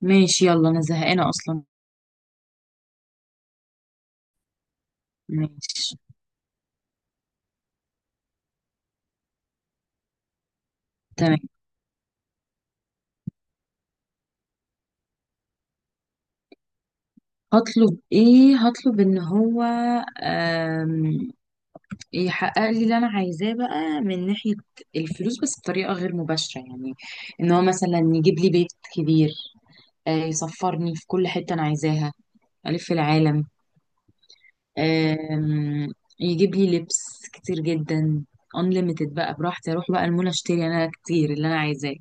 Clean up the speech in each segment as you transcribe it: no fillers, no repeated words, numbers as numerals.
ماشي، يلا انا زهقانه اصلا. ماشي. تمام. هطلب ايه؟ هطلب ان هو آم، يحقق لي اللي انا عايزاه بقى من ناحيه الفلوس، بس بطريقه غير مباشره، يعني ان هو مثلا يجيب لي بيت كبير، يسفرني في كل حته انا عايزاها، الف العالم، آم، يجيب لي لبس كتير جدا unlimited، بقى براحتي اروح بقى المول اشتري انا كتير اللي انا عايزاه.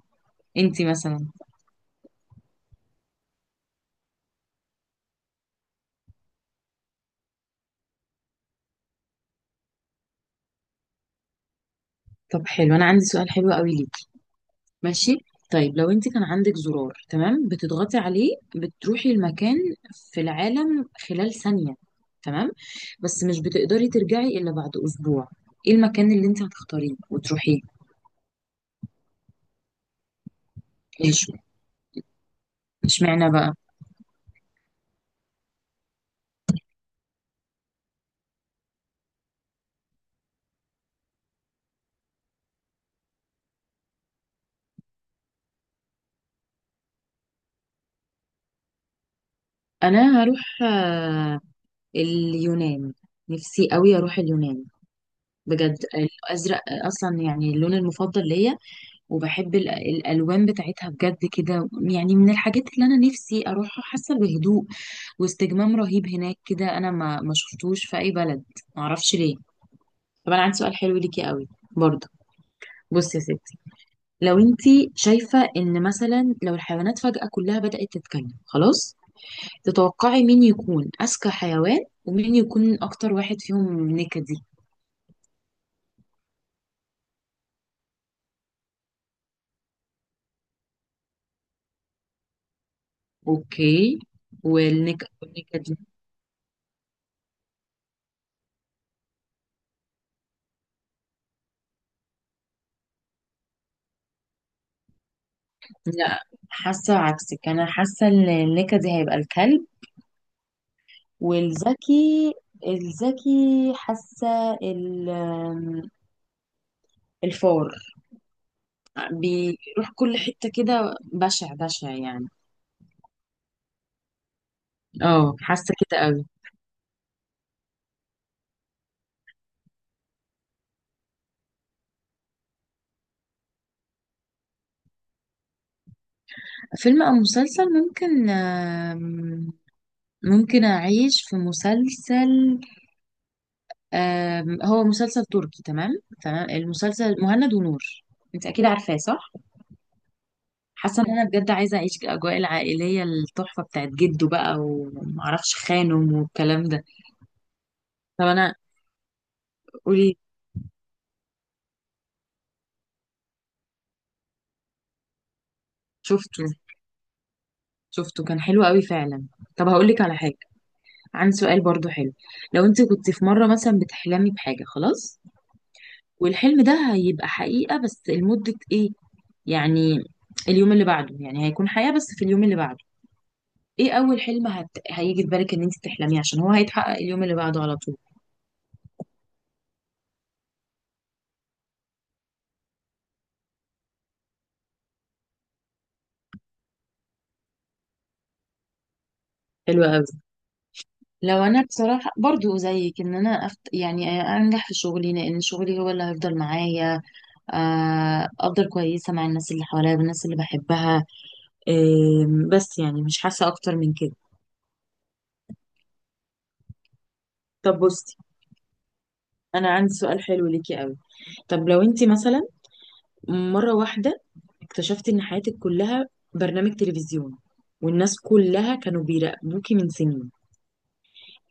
انتي مثلا؟ طب حلو، انا عندي سؤال حلو قوي ليكي. ماشي. طيب لو انت كان عندك زرار، تمام، بتضغطي عليه بتروحي المكان في العالم خلال ثانية، تمام، بس مش بتقدري ترجعي إلا بعد أسبوع، ايه المكان اللي انت هتختاريه وتروحيه؟ ليش؟ اشمعنى بقى؟ انا هروح اليونان، نفسي قوي اروح اليونان. بجد الازرق اصلا يعني اللون المفضل ليا، وبحب الألوان بتاعتها، بجد كده يعني من الحاجات اللي أنا نفسي أروحها، حاسة بهدوء واستجمام رهيب هناك، كده أنا ما شفتوش في أي بلد، معرفش ليه. طب أنا عندي سؤال حلو ليكي قوي برضه. بصي يا ستي، لو انتي شايفة ان مثلا لو الحيوانات فجأة كلها بدأت تتكلم، خلاص، تتوقعي مين يكون أذكى حيوان؟ ومين يكون أكتر واحد فيهم نكدي؟ أوكي. والنكد؟ لا، حاسة عكسك، أنا حاسة إن النكدي دي هيبقى الكلب. والذكي، الذكي حاسة الفار، بيروح كل حتة كده، بشع بشع يعني. اه، حاسة كده قوي. فيلم أو مسلسل؟ ممكن ممكن أعيش في مسلسل، هو مسلسل تركي، تمام، تمام، المسلسل مهند ونور، أنت أكيد عارفاه، صح؟ حاسه ان انا بجد عايزه اعيش الاجواء العائليه التحفه بتاعت جده بقى، ومعرفش خانم، والكلام ده. طب انا. قولي. شفته، شفته كان حلو قوي فعلا. طب هقول لك على حاجه، عندي سؤال برضو حلو. لو انت كنت في مره مثلا بتحلمي بحاجه، خلاص، والحلم ده هيبقى حقيقه بس لمده ايه، يعني اليوم اللي بعده، يعني هيكون حياه بس في اليوم اللي بعده، ايه اول حلم هيجي في بالك ان انت تحلميه، عشان هو هيتحقق اليوم اللي بعده على طول؟ حلو قوي. لو انا بصراحه برضو زيك، ان انا يعني انجح في شغلي، لان شغلي هو اللي هيفضل معايا، افضل كويسه مع الناس اللي حواليا والناس اللي بحبها، بس يعني مش حاسه اكتر من كده. طب بصي، انا عندي سؤال حلو ليكي قوي. طب لو انت مثلا مره واحده اكتشفتي ان حياتك كلها برنامج تلفزيون، والناس كلها كانوا بيراقبوكي من سنين،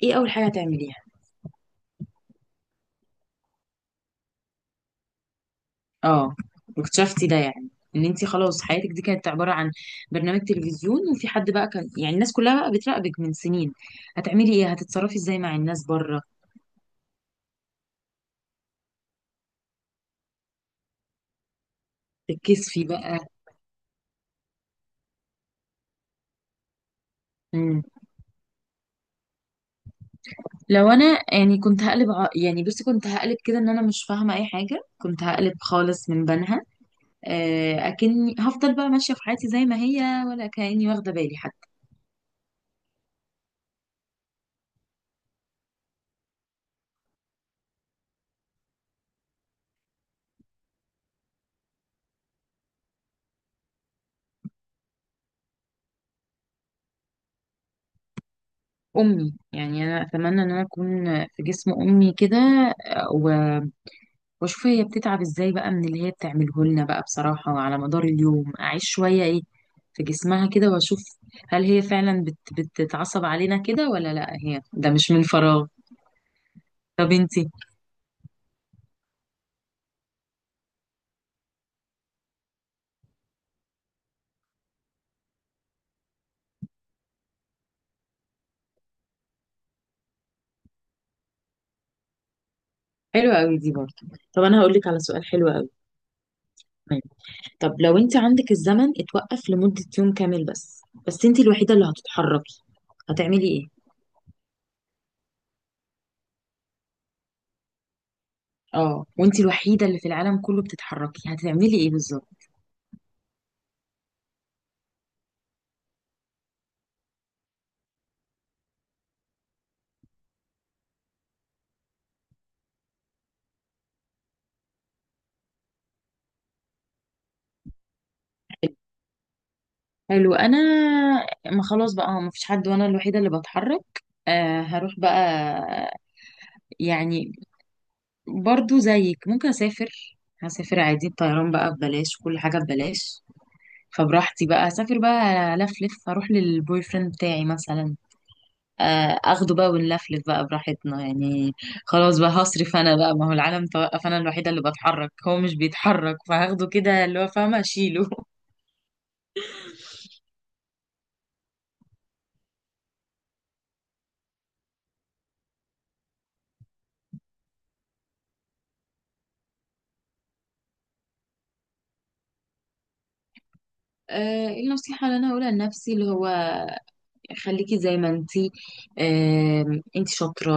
ايه اول حاجه هتعمليها؟ اه، واكتشفتي ده يعني، ان انت خلاص حياتك دي كانت عباره عن برنامج تلفزيون، وفي حد بقى كان يعني الناس كلها بقى بتراقبك من سنين، هتعملي ايه؟ هتتصرفي ازاي مع الناس بره؟ تتكسفي بقى؟ مم. لو انا، يعني كنت هقلب يعني بصي كنت هقلب كده ان انا مش فاهمه اي حاجه، كنت هقلب خالص من بنها، اكني هفضل بقى ماشيه في حياتي زي ما هي، ولا كاني واخده بالي حتى. امي، يعني انا اتمنى ان انا اكون في جسم امي كده، واشوف هي بتتعب ازاي بقى من اللي هي بتعمله لنا بقى، بصراحة على مدار اليوم اعيش شوية ايه في جسمها كده، واشوف هل هي فعلا بتتعصب علينا كده، ولا لا هي ده مش من فراغ. طب انتي؟ حلوة قوي دي برضه. طب انا هقول لك على سؤال حلو قوي. طب لو انت عندك الزمن اتوقف لمدة يوم كامل بس، بس انت الوحيدة اللي هتتحركي، هتعملي ايه؟ اه، وانت الوحيدة اللي في العالم كله بتتحركي، هتعملي ايه بالظبط؟ حلو. انا، ما خلاص بقى، ما فيش حد وانا الوحيده اللي بتحرك، آه هروح بقى، يعني برضو زيك ممكن اسافر، هسافر عادي، الطيران بقى ببلاش، كل حاجه ببلاش، فبراحتي بقى اسافر بقى، الف لف، اروح للبوي فريند بتاعي مثلا، آه اخده بقى ونلفلف بقى براحتنا يعني، خلاص بقى هصرف انا بقى، ما هو العالم توقف، انا الوحيده اللي بتحرك، هو مش بيتحرك، فهاخده كده اللي هو فاهمه اشيله. إيه النصيحة اللي أنا هقولها لنفسي؟ اللي هو خليكي زي ما انتي، انتي شاطرة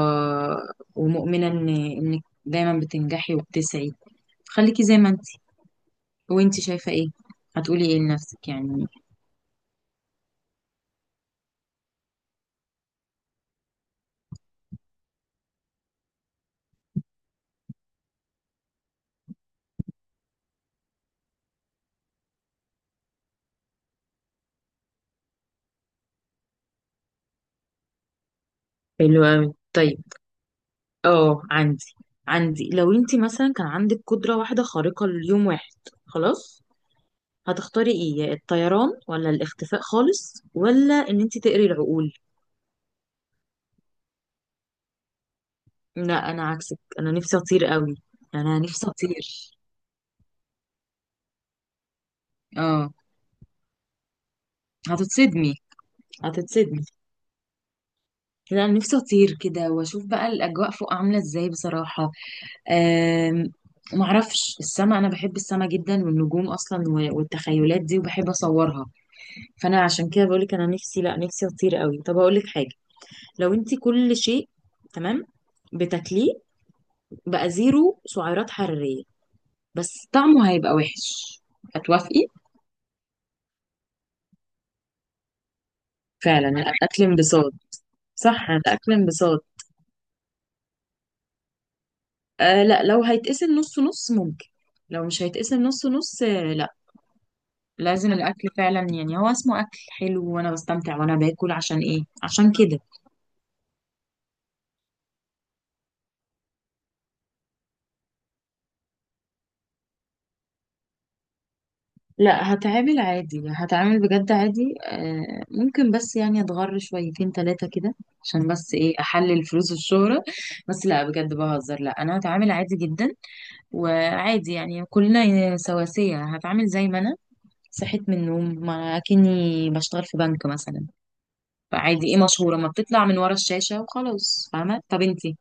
ومؤمنة ان انك دايما بتنجحي وبتسعي، خليكي زي ما انتي. وانتي شايفة ايه؟ هتقولي ايه لنفسك يعني؟ حلو اوي. طيب. اه عندي، لو انتي مثلا كان عندك قدرة واحدة خارقة ليوم واحد، خلاص، هتختاري ايه؟ يا الطيران ولا الاختفاء خالص، ولا ان انتي تقري العقول؟ لا انا عكسك، انا نفسي اطير قوي. انا نفسي اطير. اه. هتتصدمي. هتتصدمي. لا أنا نفسي اطير كده واشوف بقى الاجواء فوق عامله ازاي بصراحه. أم... معرفش، السما، انا بحب السما جدا، والنجوم اصلا، والتخيلات دي، وبحب اصورها، فانا عشان كده بقولك انا نفسي، لا نفسي اطير قوي. طب اقولك حاجه، لو انت كل شيء، تمام، بتاكليه بقى زيرو سعرات حراريه، بس طعمه هيبقى وحش، هتوافقي؟ فعلا، الاكل انبساط. صح، الاكل انبساط. آه لا، لو هيتقسم نص نص ممكن، لو مش هيتقسم نص نص، لا. لازم الاكل فعلا، يعني هو اسمه اكل حلو، وانا بستمتع وانا باكل، عشان ايه؟ عشان كده. لا، هتعامل عادي، هتعامل بجد عادي، آه ممكن بس يعني اتغر شويتين ثلاثة كده، عشان بس ايه، احلل فلوس الشهرة، بس لا بجد بهزر، لا انا هتعامل عادي جدا، وعادي يعني كلنا سواسية، هتعامل زي ما انا صحيت من النوم، ما كني بشتغل في بنك مثلا، فعادي، ايه، مشهورة، ما بتطلع من ورا الشاشة وخلاص، فاهمة؟ طب انتي؟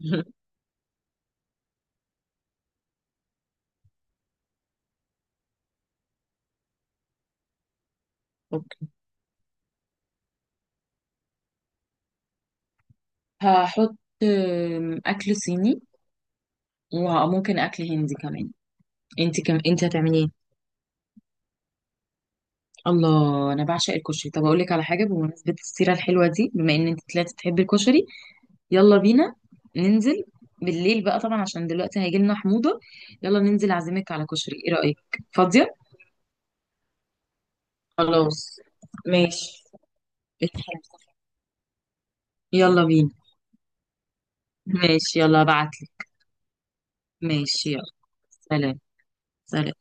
اوكي. هحط اكل صيني، وممكن اكل هندي كمان. انت كم؟ انت هتعملي ايه؟ الله، انا بعشق الكشري. طب اقول لك على حاجه، بمناسبه السيره الحلوه دي، بما ان انت طلعتي تحبي الكشري، يلا بينا ننزل بالليل بقى، طبعا عشان دلوقتي هيجي لنا حموضه، يلا ننزل، اعزمك على كشري، ايه رايك؟ فاضيه؟ خلاص، ماشي، اتفقنا. يلا بينا. ماشي، يلا، ابعتلي. ماشي يلا. سلام. سلام.